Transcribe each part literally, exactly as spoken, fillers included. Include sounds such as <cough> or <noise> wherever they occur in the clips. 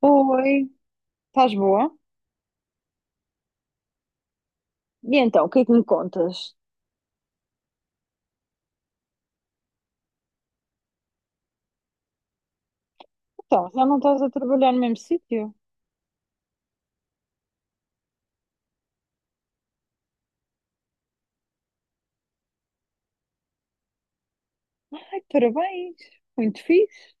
Oi, estás boa? E então, o que é que me contas? Então, já não estás a trabalhar no mesmo sítio? Ai, parabéns, muito fixe.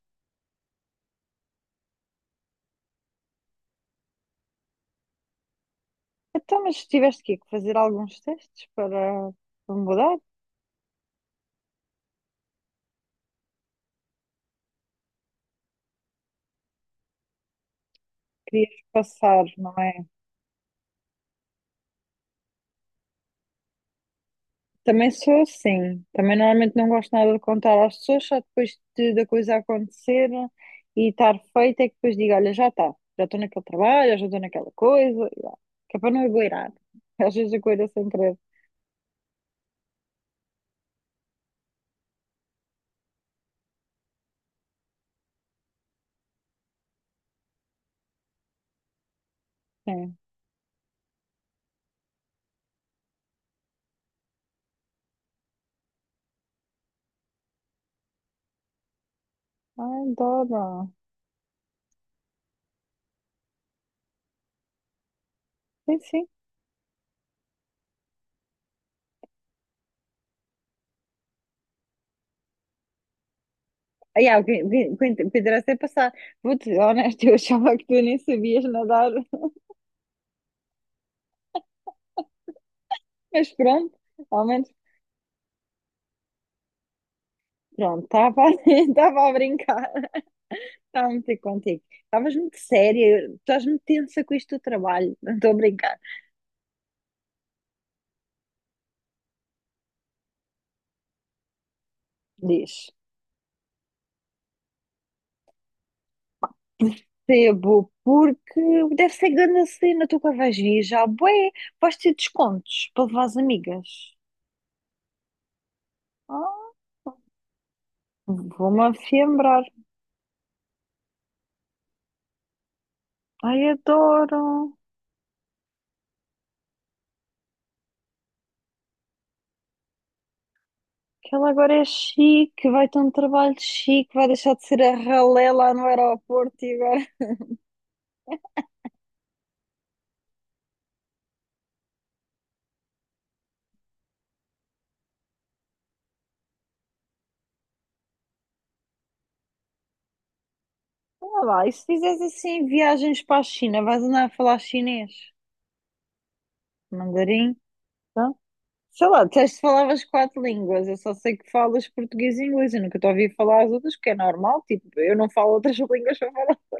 Então, mas tiveste que fazer alguns testes para, para mudar? Querias passar, não é? Também sou assim, também normalmente não gosto nada de contar às pessoas, só depois de, da coisa acontecer e estar feita é que depois digo, olha, já está, já estou naquele trabalho, já estou naquela coisa, e lá. Que é para não agoirar. Às vezes agoira sem querer. É. Ai, adoro. Sim, sim. Ah, yeah, o que o que- o que interessa é passar. Vou-te honesto, eu achava que tu nem sabias nadar, <laughs> mas pronto, ao menos, pronto, estava <laughs> estava a brincar, estava a meter contigo. Estavas muito séria, estás muito tensa com isto do trabalho, não estou a brincar. Diz, sebo, porque deve ser grande a cena, tu que vais vir já, bué, vais ter descontos para levar as amigas. Ah, vou-me afiembrar. Ai, adoro. Que ela agora é chique, vai ter um trabalho chique, vai deixar de ser a ralé lá no aeroporto e agora. <laughs> Olha lá, e se fizeres assim viagens para a China, vais andar a falar chinês, mandarim, tá? Sei lá, disseste que falavas quatro línguas, eu só sei que falas português e inglês, eu nunca te ouvi falar as outras, porque é normal, tipo, eu não falo outras <laughs> línguas para falar.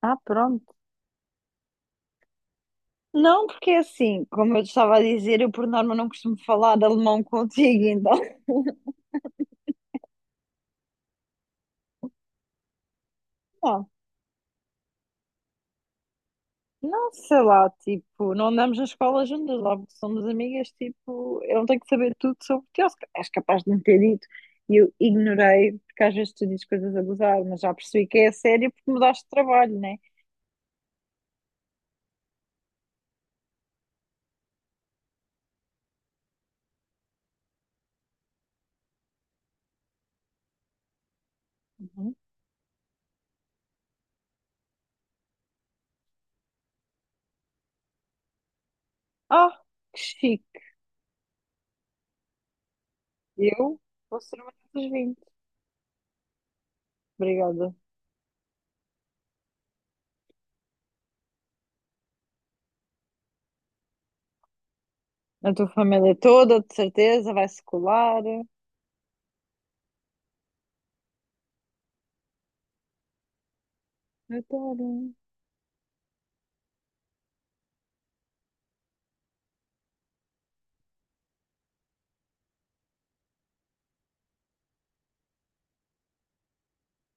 Ah, pronto. Não, porque é assim, como eu te estava a dizer, eu por norma não costumo falar alemão contigo, então. <laughs> Não, sei lá, tipo, não andamos na escola juntas, logo que somos amigas, tipo, eu não tenho que saber tudo sobre ti, ou se ca- és capaz de me ter dito, e eu ignorei, porque às vezes tu dizes coisas a gozar, mas já percebi que é a sério porque mudaste de trabalho, né? Uhum. Ah, que chique, eu vou ser uma das vinte, obrigada. A tua família toda, de certeza, vai-se colar, adoro.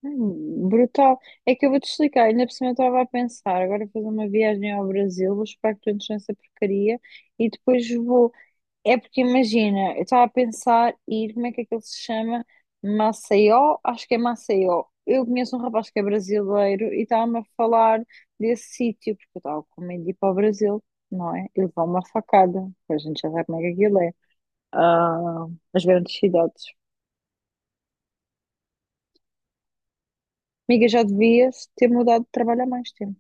Hum, Brutal. É que eu vou-te explicar, ainda por cima eu estava a pensar, agora vou fazer uma viagem ao Brasil, vou esperar que tu entres nessa porcaria e depois vou. É porque imagina, eu estava a pensar ir, como é que aquilo se chama? Maceió? Acho que é Maceió. Eu conheço um rapaz que é brasileiro e estava-me a falar desse sítio, porque eu estava com medo de ir para o Brasil, não é? E levar uma facada, pois a gente já sabe como é que aquilo é. Ah, as grandes cidades. Amiga, já devias ter mudado de trabalho há mais tempo.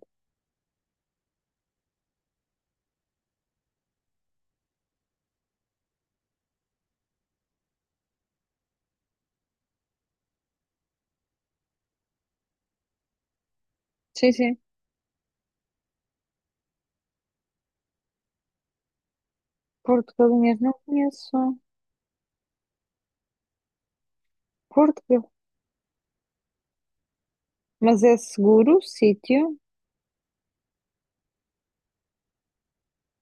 Sim, sim. Porto Galinhas não conheço. Porto Gal- Mas é seguro o sítio?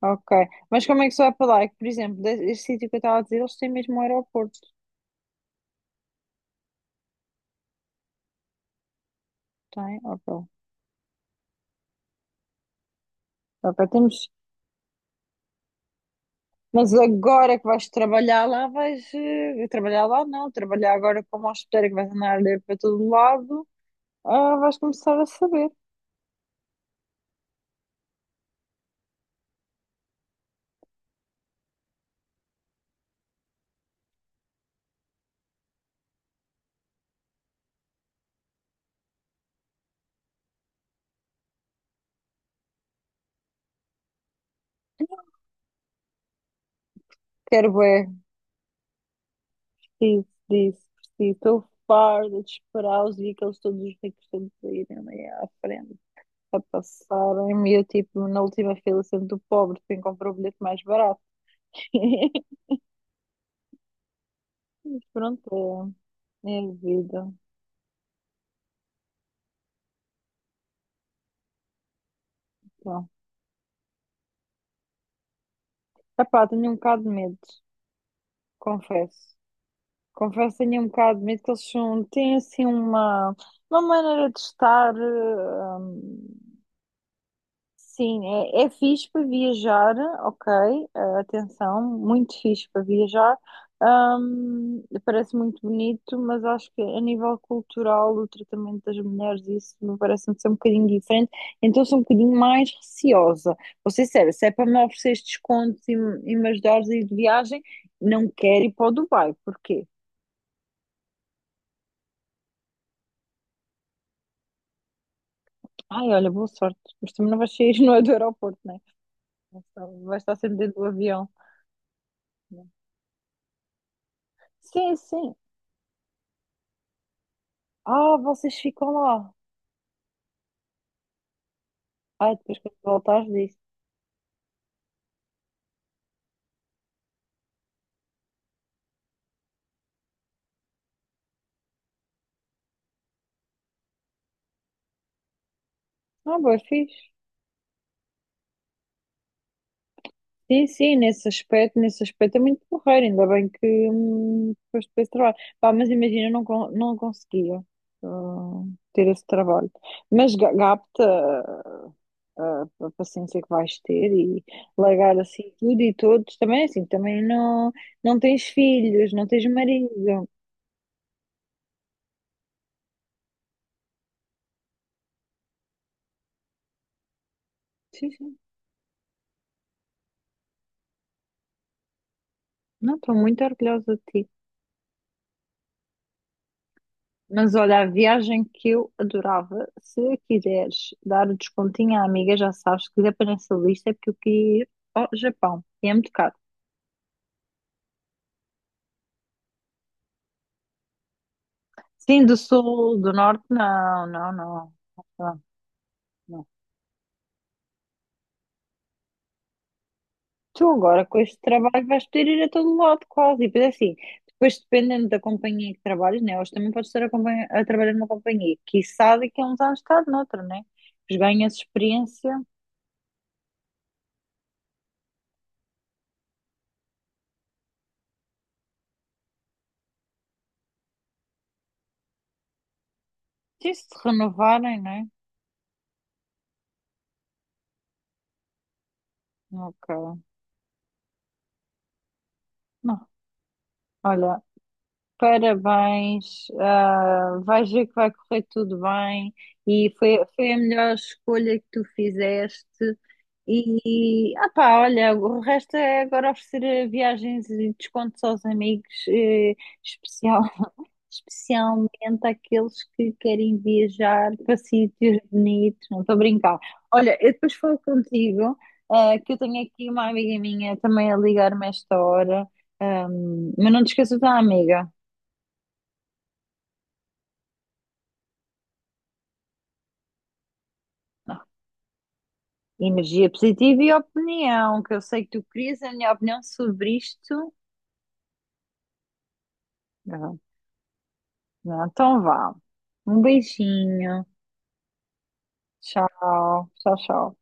Ok. Mas como é que se vai para lá? É que, por exemplo, de- este sítio que eu estava a dizer, eles têm mesmo um aeroporto. Tem? Ok. Ok, temos... Mas agora que vais trabalhar lá, vais... eh, trabalhar lá não. Trabalhar agora como hospedeira que vais andar a ler para todo lado, ah, vais começar a saber. Quero bué. Preciso disso. Preciso. Estou farta de esperar os dias que eles todos os ricos todos irem ali à frente, a passarem-me e tipo, na última fila sendo o pobre, quem comprou o bilhete mais barato. <laughs> Mas pronto, é, é a vida. Então, epá, tenho um bocado de medo, confesso. Confesso, tenho um bocado de medo que eles são, têm assim uma, uma maneira de estar eh, sim, é, é fixe para viajar, ok, eh, atenção, muito fixe para viajar. Ahm, parece muito bonito, mas acho que a nível cultural, o tratamento das mulheres, isso me parece-me ser um bocadinho diferente, então sou um bocadinho mais receosa. Vou ser sério, se é para me ofereceres descontos e, me- e me ajudares a ir de viagem, não quero ir para o Dubai, porquê? Ai, olha, boa sorte, mas também não vais sair, <laughs> não é, do aeroporto, né? Vais estar vai estar sempre dentro do avião. Sim, sim. Ah, vocês ficam lá. Ah, depois quando voltares disso. Ah, bem fixe. Sim, sim, nesse aspecto, nesse aspecto é muito porreiro, ainda bem que hum, depois depois trabalho. Pá, mas imagina, eu não, con- não conseguia hum, ter esse trabalho. Mas ga- gapta ah, a, a paciência que vais ter e largar assim tudo e todos também, assim, também não, não tens filhos, não tens marido. Sim, sim. Não, estou muito orgulhosa de ti. Mas olha, a viagem que eu adorava, se quiseres dar o descontinho à amiga, já sabes, que quiser para nessa lista, é porque eu queria ir ao Japão. E é muito caro. Sim, do sul, do norte, não, não, não. Não, não. Tu agora, com este trabalho, vais poder ir a todo lado, quase. E depois, é assim, depois dependendo da companhia que trabalhas, né? Hoje também podes estar a, companhia- a trabalhar numa companhia que sabe que há uns anos está noutra, né? Pois ganhas experiência. Sim, se te renovarem, né? Ok. Não, olha. Parabéns, ah, vais ver que vai correr tudo bem e foi, foi a melhor escolha que tu fizeste. E, ah pá, olha, o resto é agora oferecer viagens e descontos aos amigos, eh, especial, <laughs> especialmente àqueles que querem viajar para sítios bonitos. Não estou a brincar. Olha, eu depois falo contigo, ah, que eu tenho aqui uma amiga minha também a ligar-me a esta hora. Ah, mas não te esqueças da amiga. Energia positiva e opinião, que eu sei que tu querias a minha opinião sobre isto. Não, não, então vá. Um beijinho. Tchau, tchau, tchau.